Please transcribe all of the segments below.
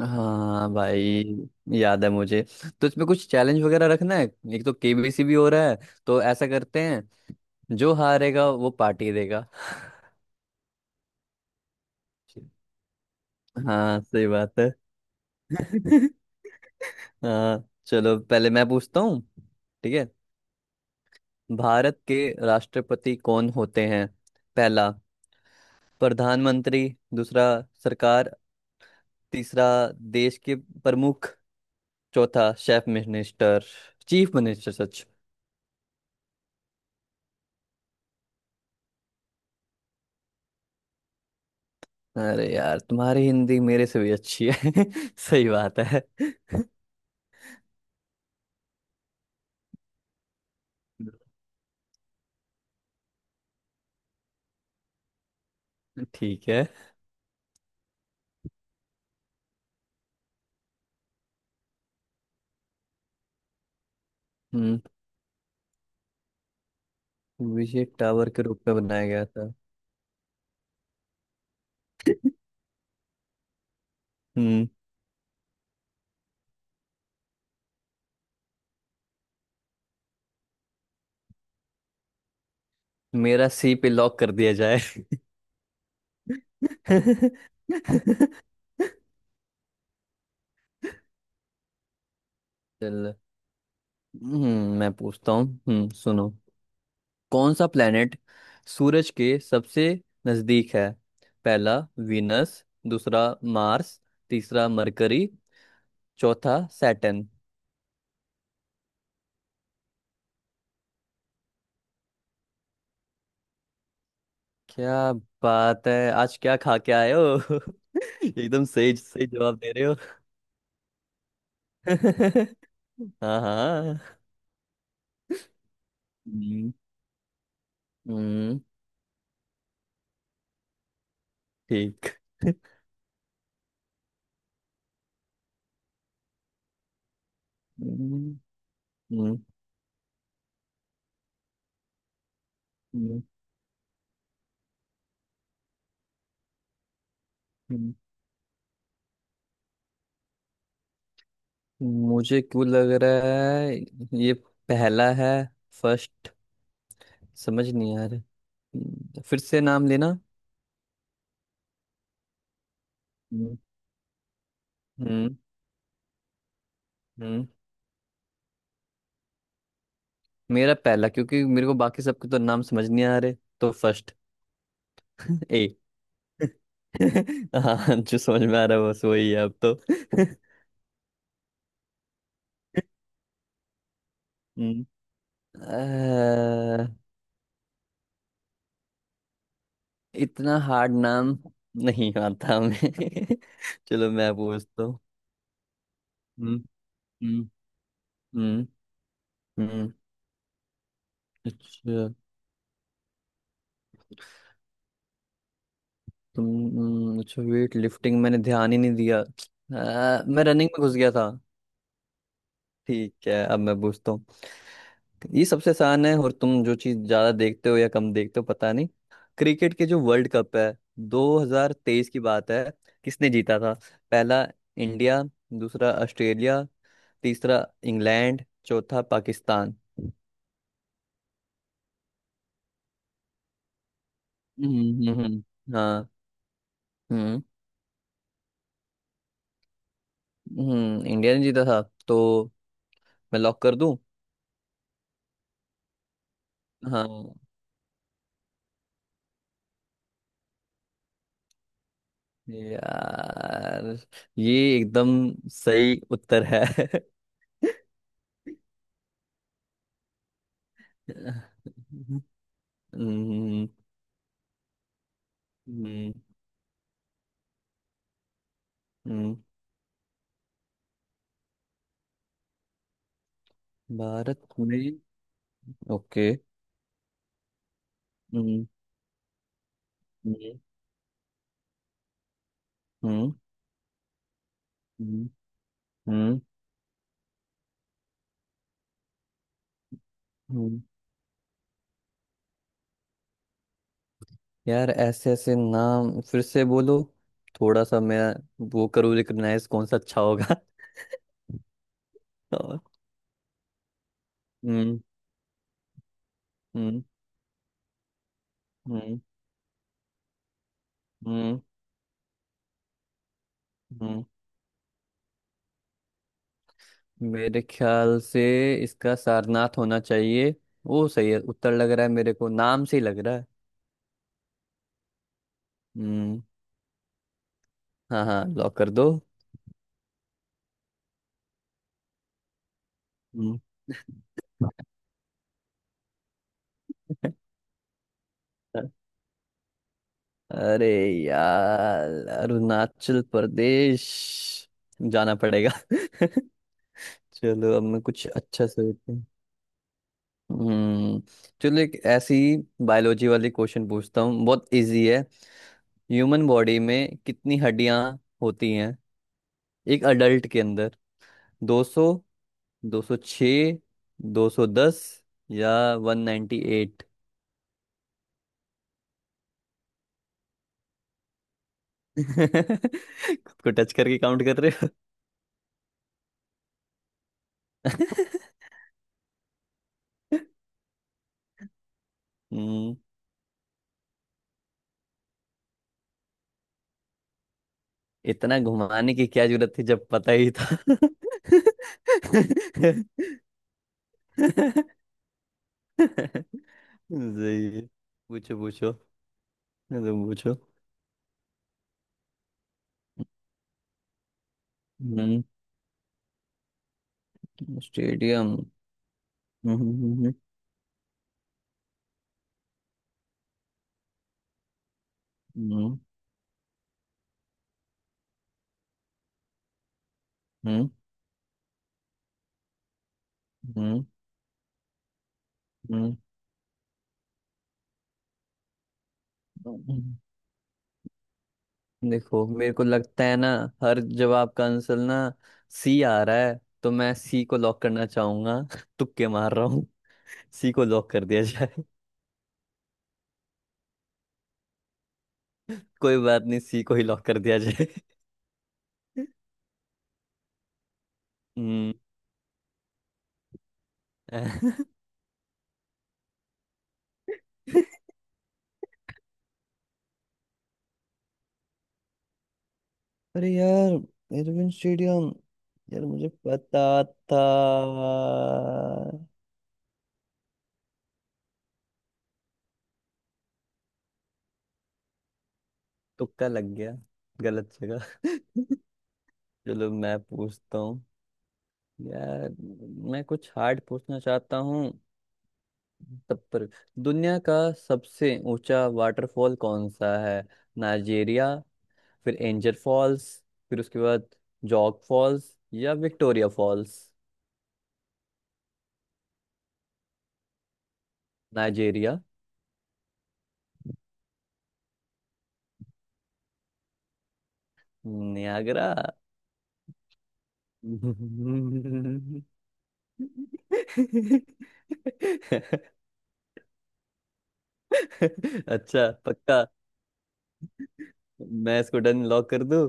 हाँ भाई, याद है मुझे। तो इसमें कुछ चैलेंज वगैरह रखना है। एक तो केबीसी भी हो रहा है, तो ऐसा करते हैं जो हारेगा वो पार्टी देगा। हाँ, सही बात है। हाँ चलो, पहले मैं पूछता हूँ। ठीक है। भारत के राष्ट्रपति कौन होते हैं? पहला, प्रधानमंत्री। दूसरा, सरकार। तीसरा, देश के प्रमुख। चौथा, शेफ मिनिस्टर चीफ मिनिस्टर। अरे यार, तुम्हारी हिंदी मेरे से भी अच्छी है। सही बात है। ठीक है। हम्म। विजय टावर के रूप में बनाया गया था। हम्म मेरा सी पे लॉक कर दिया जाए। चल। मैं पूछता हूँ। सुनो। कौन सा प्लेनेट सूरज के सबसे नजदीक है? पहला, वीनस। दूसरा, मार्स। तीसरा, मरकरी। चौथा, सैटर्न। क्या बात है! आज क्या खा के आए हो? एकदम सही सही जवाब दे रहे हो। हाँ हाँ। हम्म। हम्म। ठीक। हम्म। हम्म। हम्म। हम्म, मुझे क्यों लग रहा है ये पहला है? फर्स्ट। समझ नहीं आ रहा। फिर से नाम लेना। हम्म। हम्म। हम्म, मेरा पहला, क्योंकि मेरे को बाकी सबके तो नाम समझ नहीं आ रहे। तो फर्स्ट, ए। हाँ, जो समझ में आ रहा है बस वही है अब तो। हम्म, अ, इतना हार्ड नाम नहीं आता हमें। चलो, मैं पूछता हूँ। हम्म। हम्म। हम्म। हम्म, अच्छा। तुम। अच्छा, वेट लिफ्टिंग मैंने ध्यान ही नहीं दिया। मैं रनिंग में घुस गया था। ठीक है, अब मैं पूछता हूँ। ये सबसे आसान है, और तुम जो चीज ज्यादा देखते हो या कम देखते हो पता नहीं। क्रिकेट के जो वर्ल्ड कप है, 2023 की बात है, किसने जीता था? पहला, इंडिया। दूसरा, ऑस्ट्रेलिया। तीसरा, इंग्लैंड। चौथा, पाकिस्तान। हम्म। हम्म। हम्म। हम्म। हाँ। हम्म। इंडिया ने जीता था। तो मैं लॉक कर दूं? हाँ। यार, ये एकदम सही उत्तर है। हम्म। हम्म। हम्म, भारत में। ओके। हम्म। हम्म। हम्म। हम्म। हम्म। हम्म। यार, ऐसे ऐसे नाम फिर से बोलो, थोड़ा सा मैं वो करूँ रिकग्नाइज कौन सा अच्छा होगा। और। हम्म। हम्म। हम्म। हम्म। हम्म। मेरे ख्याल से इसका सारनाथ होना चाहिए। वो सही है उत्तर, लग रहा है मेरे को, नाम से ही लग रहा है। हम्म। हाँ हाँ, लॉक कर दो। हम्म। अरे यार, अरुणाचल प्रदेश जाना पड़ेगा। चलो, अब मैं कुछ अच्छा सोचती हूँ। हम्म चलो, एक ऐसी बायोलॉजी वाली क्वेश्चन पूछता हूँ, बहुत इजी है। ह्यूमन बॉडी में कितनी हड्डियां होती हैं, एक अडल्ट के अंदर? 200, 206, 210 या 198? खुद को टच करके काउंट कर रहे हो? इतना घुमाने की क्या जरूरत थी जब पता ही था! सही है। पूछो पूछो। तुम पूछो। हम्म। स्टेडियम। हम्म। हम्म। हम्म। हम्म। हम्म। हम्म। हम्म। देखो, मेरे को लगता है ना, हर जवाब का आंसर ना सी आ रहा है, तो मैं सी को लॉक करना चाहूंगा। तुक्के मार रहा हूँ। सी को लॉक कर दिया जाए। कोई बात नहीं, सी को ही लॉक कर दिया जाए। हम्म। अरे यार, एरविन स्टेडियम! यार, मुझे पता था। तुक्का लग गया, गलत जगह। चलो, मैं पूछता हूँ। यार, मैं कुछ हार्ड पूछना चाहता हूँ तब पर। दुनिया का सबसे ऊंचा वाटरफॉल कौन सा है? नाइजेरिया, फिर एंजर फॉल्स, फिर उसके बाद जॉग फॉल्स या विक्टोरिया फॉल्स? नाइजेरिया? नियागरा। अच्छा। पक्का? मैं इसको डन लॉक कर दूं।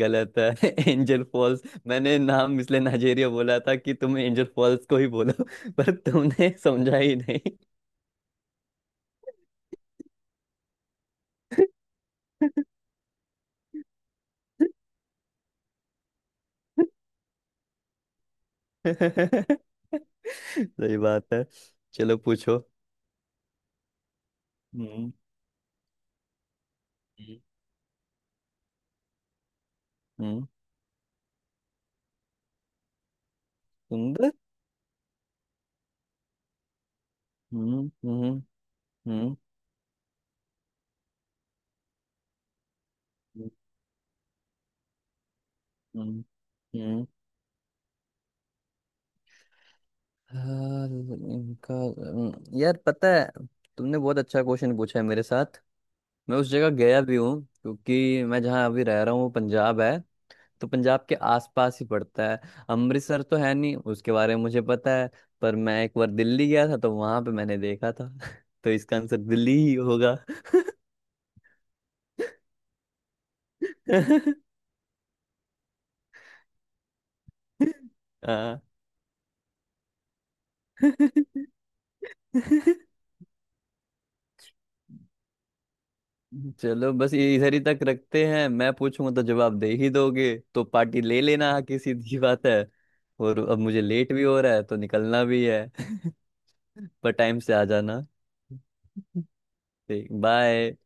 गलत है। Angel falls! मैंने नाम इसलिए नाइजेरिया बोला था कि तुम एंजल फॉल्स को ही बोलो। पर तुमने समझा ही नहीं। सही बात है। चलो पूछो। हम्म। हम्म। हम्म। सुंदर। हम्म। हम्म। हम्म। हम्म। हम्म। हाँ, यार पता है, तुमने बहुत अच्छा क्वेश्चन पूछा है मेरे साथ। मैं उस जगह गया भी हूँ, क्योंकि मैं जहाँ अभी रह रहा हूँ वो पंजाब है। तो पंजाब के आसपास ही पड़ता है। अमृतसर तो है नहीं, उसके बारे में मुझे पता है। पर मैं एक बार दिल्ली गया था, तो वहां पे मैंने देखा था। तो इसका आंसर दिल्ली ही होगा। हाँ। चलो बस ये इधर ही तक रखते हैं। मैं पूछूंगा तो जवाब दे ही दोगे, तो पार्टी ले लेना। हाँ, किसी की सीधी बात है। और अब मुझे लेट भी हो रहा है, तो निकलना भी है। पर टाइम से आ जाना। ठीक। बाय।